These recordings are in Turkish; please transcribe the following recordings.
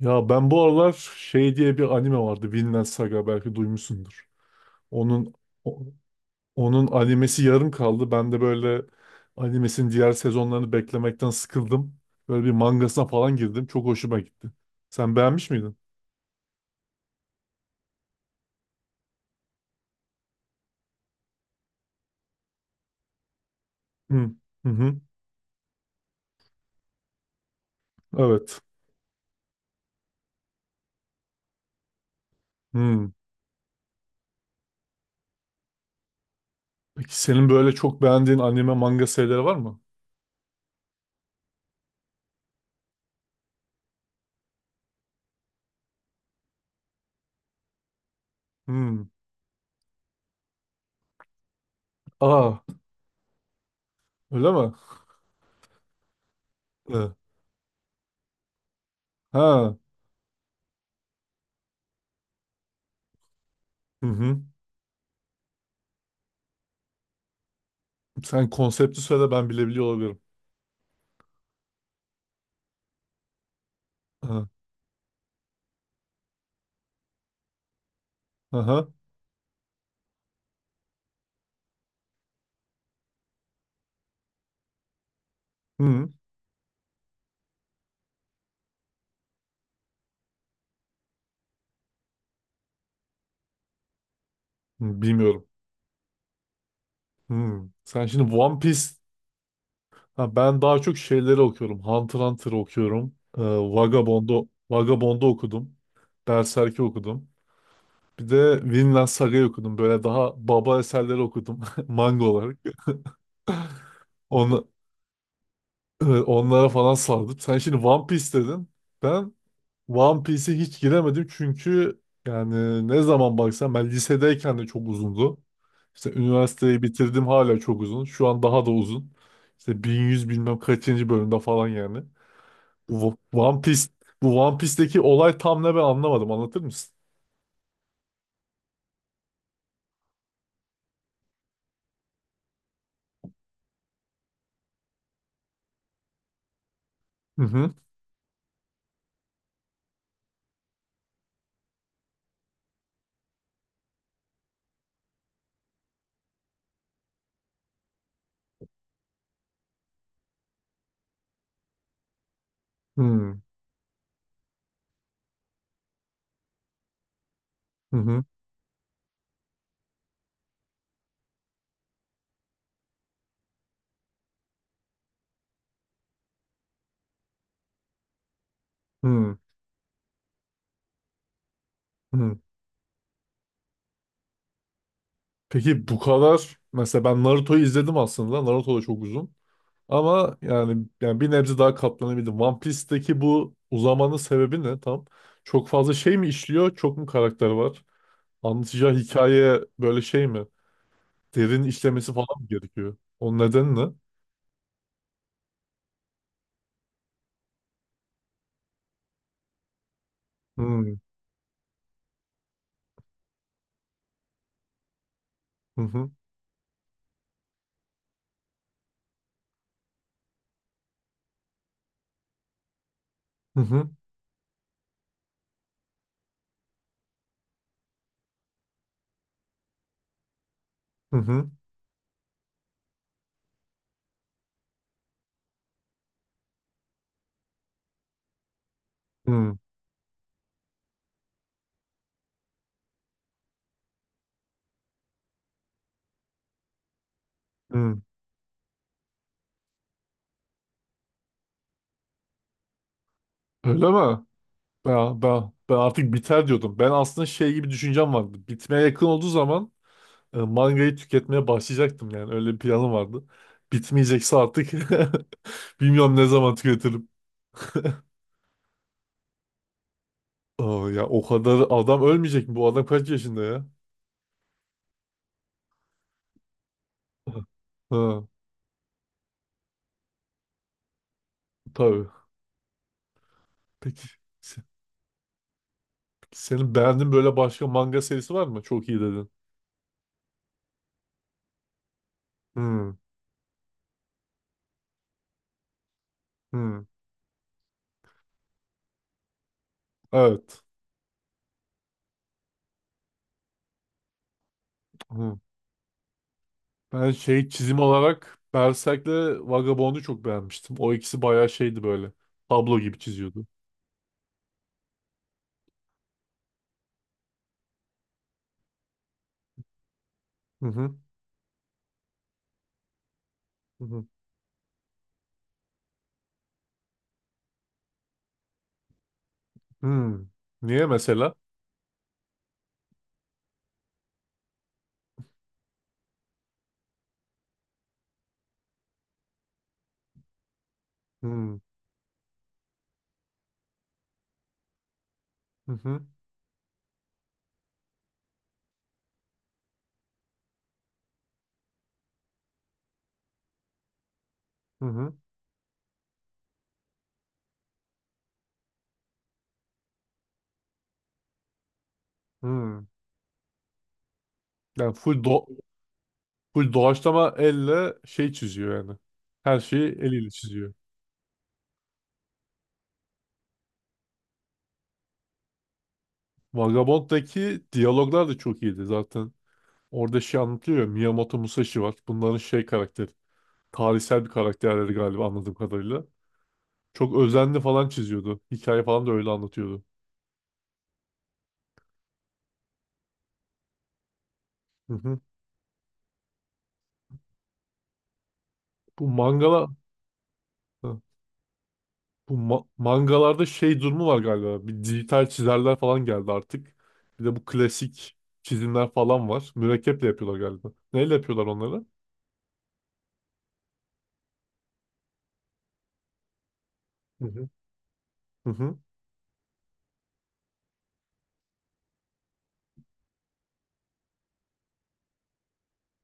Ya ben bu aralar şey diye bir anime vardı. Vinland Saga belki duymuşsundur. Onun o- onun animesi yarım kaldı. Ben de böyle animesinin diğer sezonlarını beklemekten sıkıldım. Böyle bir mangasına falan girdim. Çok hoşuma gitti. Sen beğenmiş miydin? Hı hı. Hı. Evet. Hı. Peki senin böyle çok beğendiğin anime manga serileri var mı? Hı. Aa, öyle mi? Hı. Ha. Hı hı. Sen konsepti söyle ben bilebiliyor olabilirim. Hı. Aha. Hı. Bilmiyorum. Hmm. Sen şimdi One Piece, ha, ben daha çok şeyleri okuyorum. Hunter x Hunter okuyorum. Vagabond'u okudum. Berserk'i okudum. Bir de Vinland Saga'yı okudum. Böyle daha baba eserleri okudum manga olarak. Onu, Onlara falan sardım. Sen şimdi One Piece dedin. Ben One Piece'e hiç giremedim çünkü yani ne zaman baksam ben lisedeyken de çok uzundu. İşte üniversiteyi bitirdim hala çok uzun. Şu an daha da uzun. İşte 1100 bilmem kaçıncı bölümde falan yani. Bu bu One Piece bu One Piece'teki olay tam ne ben anlamadım. Anlatır mısın? Hı hı. Hı hı. Hı hı. Hı. Peki bu kadar mesela ben Naruto'yu izledim aslında. Naruto da çok uzun. Ama yani bir nebze daha katlanabildim. One Piece'teki bu uzamanın sebebi ne tam? Çok fazla şey mi işliyor? Çok mu karakter var? Anlatacağı hikaye böyle şey mi? Derin işlemesi falan mı gerekiyor? O neden ne? Hmm. Hı hı. Hı hı. Hı hı. Hı hı. Öyle mi? Ben artık biter diyordum. Ben aslında şey gibi düşüncem vardı. Bitmeye yakın olduğu zaman mangayı tüketmeye başlayacaktım yani. Öyle bir planım vardı. Bitmeyecekse artık bilmiyorum ne zaman tüketirim. Aa, ya o kadar adam ölmeyecek mi? Bu adam kaç yaşında ya? Ha, tabii. Peki. se- Senin beğendiğin böyle başka manga serisi var mı? Çok iyi dedin. Hmm. Hmm. Evet. Hmm. Ben şey çizim olarak Berserk'le Vagabond'u çok beğenmiştim. O ikisi bayağı şeydi böyle. Tablo gibi çiziyordu. Hı hı. Hı hı. Hmm. Niye mesela? Hmm. Hı hı. Hı hı. Hmm. Yani full doğaçlama elle şey çiziyor yani. Her şeyi eliyle çiziyor. Vagabond'daki diyaloglar da çok iyiydi zaten. Orada şey anlatıyor ya, Miyamoto Musashi var. Bunların şey karakteri. Tarihsel bir karakterleri galiba anladığım kadarıyla. Çok özenli falan çiziyordu. Hikaye falan da öyle anlatıyordu. Hı hı. Bu mangala Hı. Bu mangalarda şey durumu var galiba. Bir dijital çizerler falan geldi artık. Bir de bu klasik çizimler falan var. Mürekkeple yapıyorlar galiba. Neyle yapıyorlar onları? Hı hı. Hı hı.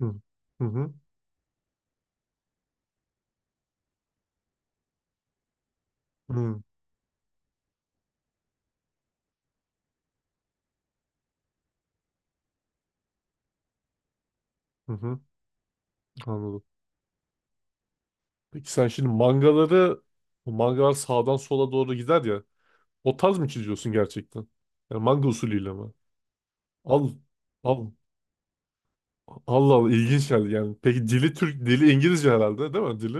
Hı hı. Hı hı. Hı hı. Anladım. Peki sen şimdi mangaları, bu mangalar sağdan sola doğru gider ya. O tarz mı çiziyorsun gerçekten? Yani manga usulüyle mi? Al, al. Allah Allah, ilginç geldi yani. Peki dili Türk, dili İngilizce herhalde, değil mi dili?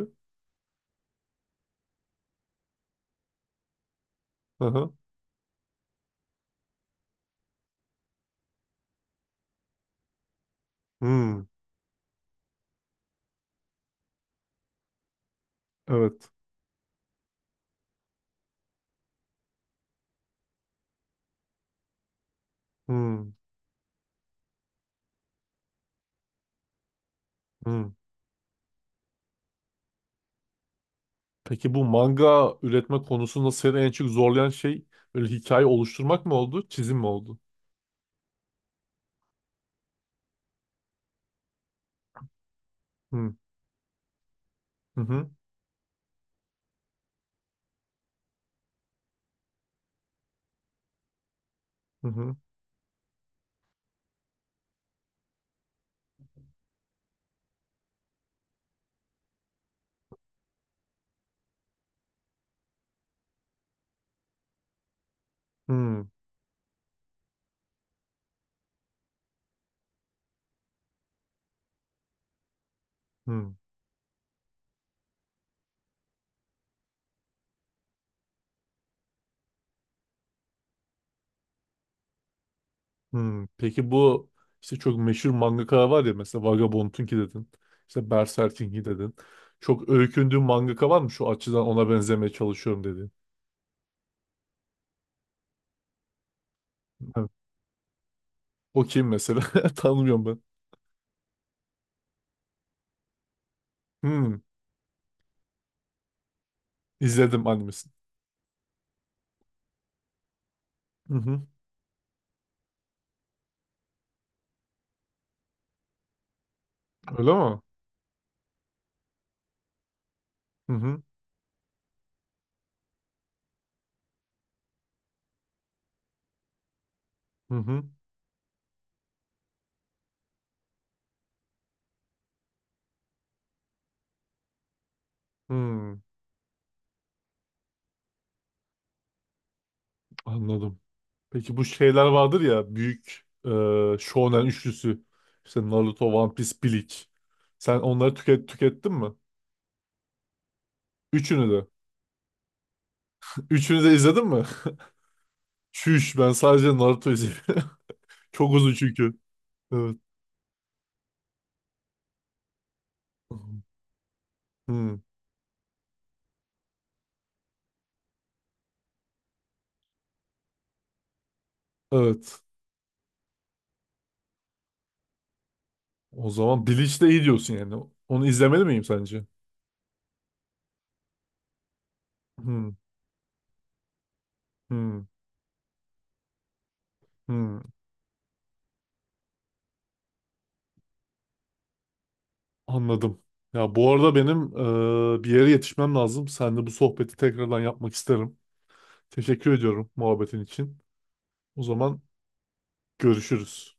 Hı hı. Hmm, evet. Hmm. Hmm. Peki bu manga üretme konusunda seni en çok zorlayan şey böyle hikaye oluşturmak mı oldu, çizim mi oldu? Hmm. Hı hı. Hı hı. Hmm. Hı. Hmm, peki bu işte çok meşhur mangaka var ya, mesela Vagabond'unki dedin. İşte Berserk'inki dedin. Çok öykündüğün mangaka var mı, şu açıdan ona benzemeye çalışıyorum dediğin? Evet. O kim mesela? Tanımıyorum ben. Hmm, izledim animesini. Hı hı. Öyle mi? Hı hı. Hı hı. Hmm, anladım. Peki bu şeyler vardır ya, büyük Shonen üçlüsü. İşte Naruto, One Piece, Bleach. Sen onları tükettin mi? Üçünü de. Üçünü de izledin mi? Çüş, ben sadece Naruto izliyorum. Çok uzun çünkü. Evet. Hmm. Evet. O zaman Bleach de iyi diyorsun yani. Onu izlemeli miyim sence? Hmm. Hmm. Hmm. Anladım. Ya bu arada benim bir yere yetişmem lazım. Seninle bu sohbeti tekrardan yapmak isterim. Teşekkür ediyorum muhabbetin için. O zaman görüşürüz.